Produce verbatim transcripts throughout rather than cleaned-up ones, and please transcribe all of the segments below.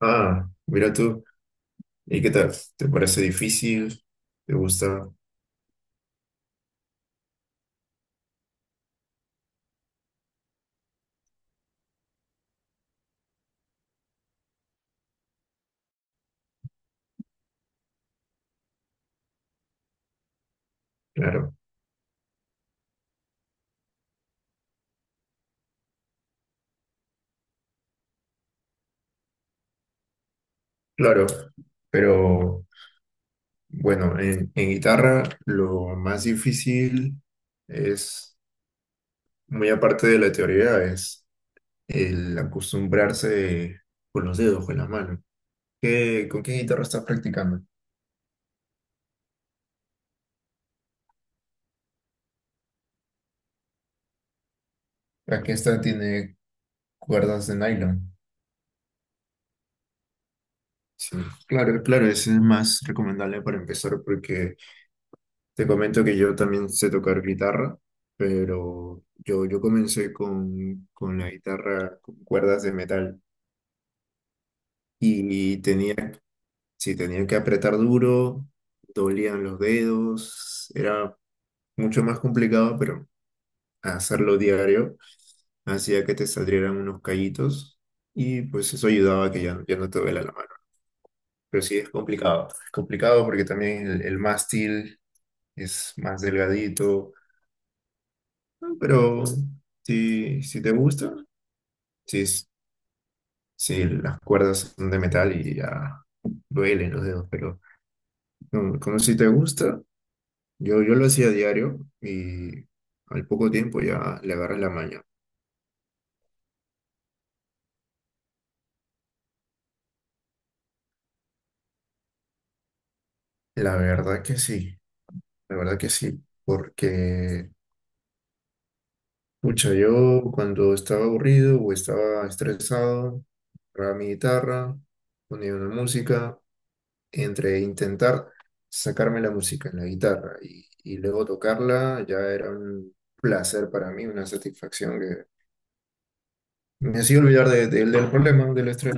Ah, mira tú. ¿Y qué tal? ¿Te parece difícil? ¿Te gusta? Claro, claro. Pero bueno, en, en guitarra lo más difícil es, muy aparte de la teoría, es el acostumbrarse con los dedos, con la mano. ¿Qué, con qué guitarra estás practicando? La que esta tiene cuerdas de nylon. Sí, claro, claro, ese es más recomendable para empezar porque te comento que yo también sé tocar guitarra, pero yo, yo comencé con, con la guitarra con cuerdas de metal y tenía, si tenía que apretar duro, dolían los dedos, era mucho más complicado, pero hacerlo diario hacía que te salieran unos callitos y pues eso ayudaba a que ya, ya no te duela la mano. Pero sí es complicado, es complicado porque también el, el mástil es más delgadito. No, pero si, si te gusta, si, es- si las cuerdas son de metal y ya duelen los dedos, pero no, como si te gusta, yo, yo lo hacía a diario y al poco tiempo ya le agarras la maña. La verdad que sí, la verdad que sí, porque, pucha, yo cuando estaba aburrido o estaba estresado, agarraba mi guitarra, ponía una música, entre intentar sacarme la música en la guitarra y, y luego tocarla, ya era un placer para mí, una satisfacción que me hacía olvidar de- de- del problema, del estrés.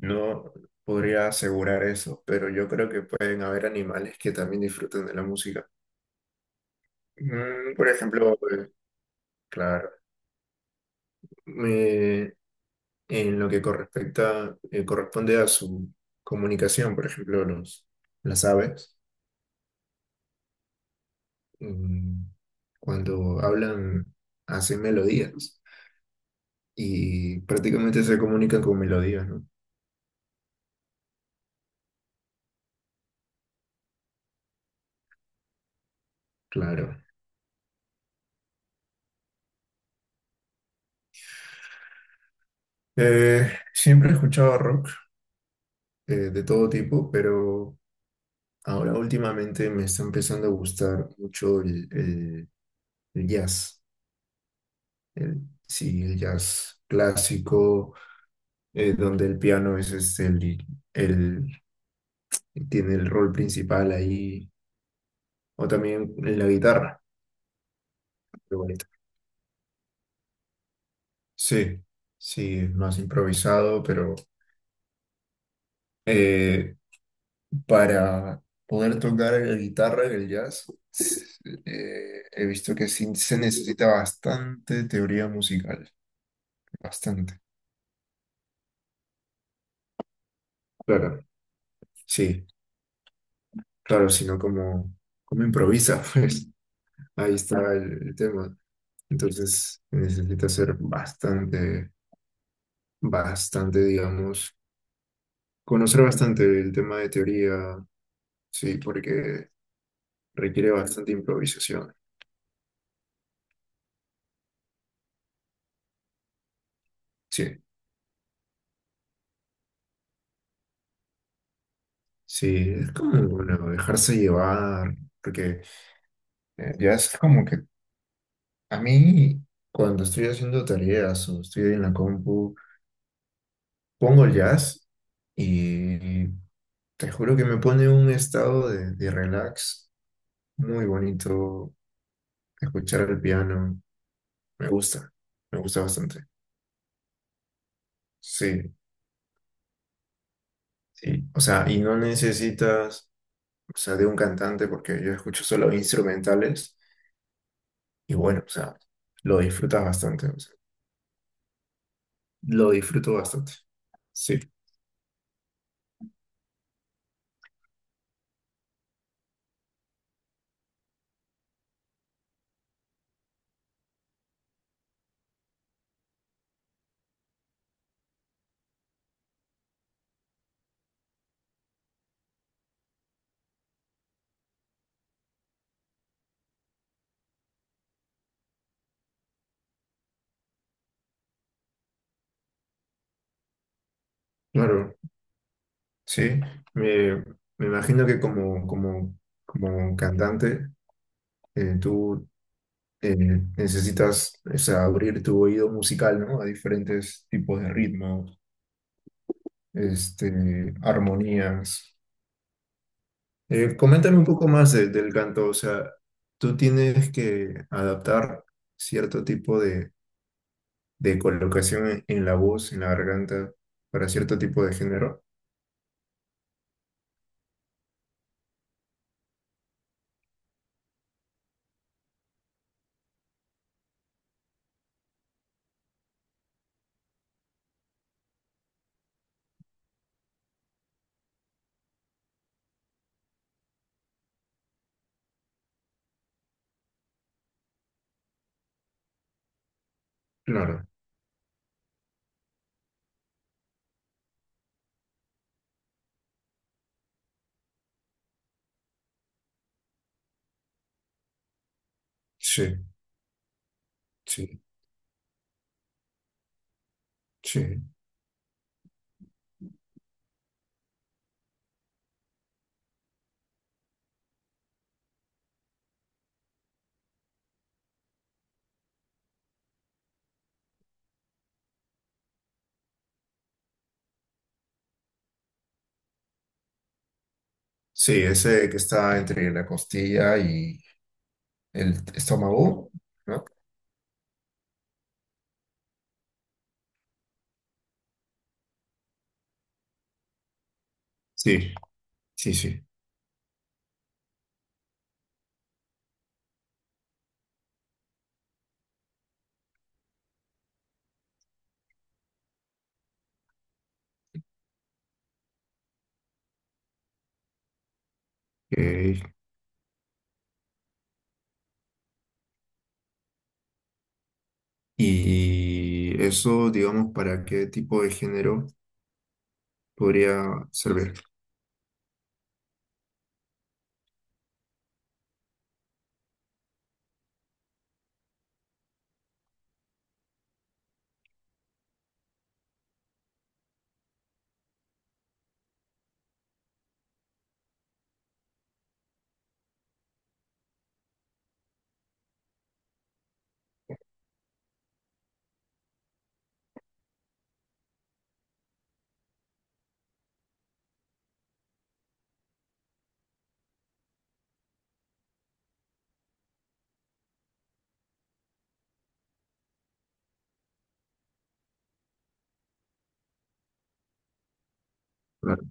No podría asegurar eso, pero yo creo que pueden haber animales que también disfruten de la música. Mm, por ejemplo, eh, claro, me- en lo que correspecta, eh, corresponde a su comunicación, por ejemplo, los, las aves. mm, cuando hablan, hacen melodías y prácticamente se comunican con melodías, ¿no? Claro. Eh, siempre he escuchado rock, eh, de todo tipo, pero ahora últimamente me está empezando a gustar mucho el, el- el jazz. El, sí, el jazz clásico, eh, donde el piano es, es el, el, tiene el rol principal ahí, o también la guitarra. Lo bonito, sí, sí, es más improvisado, pero eh, para poder tocar la guitarra en el jazz, s- eh, he visto que sí se necesita bastante teoría musical, bastante. Claro. Sí, claro, sino como, como improvisa, pues ahí está el, el tema. Entonces necesita ser bastante, bastante, digamos, conocer bastante el tema de teoría, sí, porque requiere bastante improvisación. Sí, sí, es como, bueno, dejarse llevar, porque eh, ya es como que a mí cuando estoy haciendo tareas o estoy en la compu, pongo el jazz y te juro que me pone un estado de, de relax muy bonito, escuchar el piano, me gusta, me gusta bastante. Sí, sí, o sea, y no necesitas, o sea, de un cantante, porque yo escucho solo instrumentales. Y bueno, o sea, lo disfrutas bastante, o sea, lo disfruto bastante. Sí, claro, sí. Me, me imagino que como, como, como cantante, eh, tú eh, necesitas, o sea, abrir tu oído musical, ¿no? A diferentes tipos de ritmos, este, armonías. Eh, coméntame un poco más de- del canto, o sea, tú tienes que adaptar cierto tipo de de colocación en, en la voz, en la garganta, para cierto tipo de género. Claro, sí, sí, sí. Sí, ese que está entre la costilla y el estómago, ¿no? Sí, sí, sí. Ok. Y eso, digamos, ¿para qué tipo de género podría servir? Claro.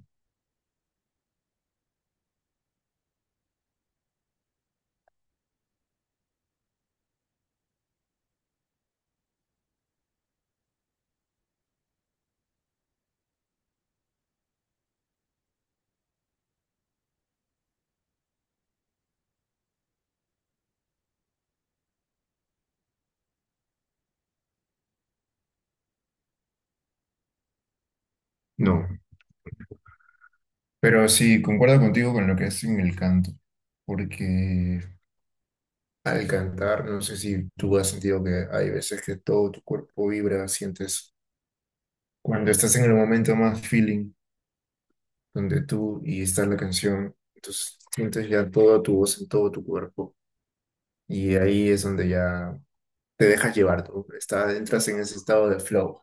No, pero sí, concuerdo contigo con lo que es en el canto, porque al cantar, no sé si tú has sentido que hay veces que todo tu cuerpo vibra, sientes cuando estás en el momento más feeling, donde tú y está la canción, entonces sientes ya toda tu voz en todo tu cuerpo y ahí es donde ya te dejas llevar, tú estás, entras en ese estado de flow.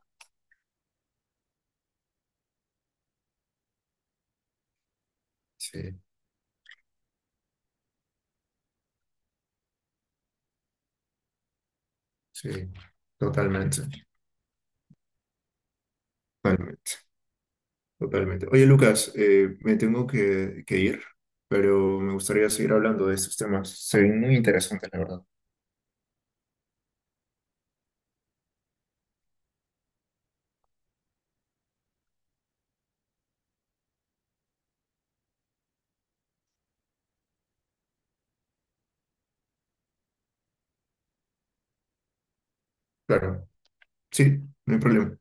Sí, sí, totalmente, totalmente, totalmente. Oye, Lucas, eh, me tengo que, que ir, pero me gustaría seguir hablando de estos temas, se ven muy interesantes, la verdad. Claro, sí, no hay problema.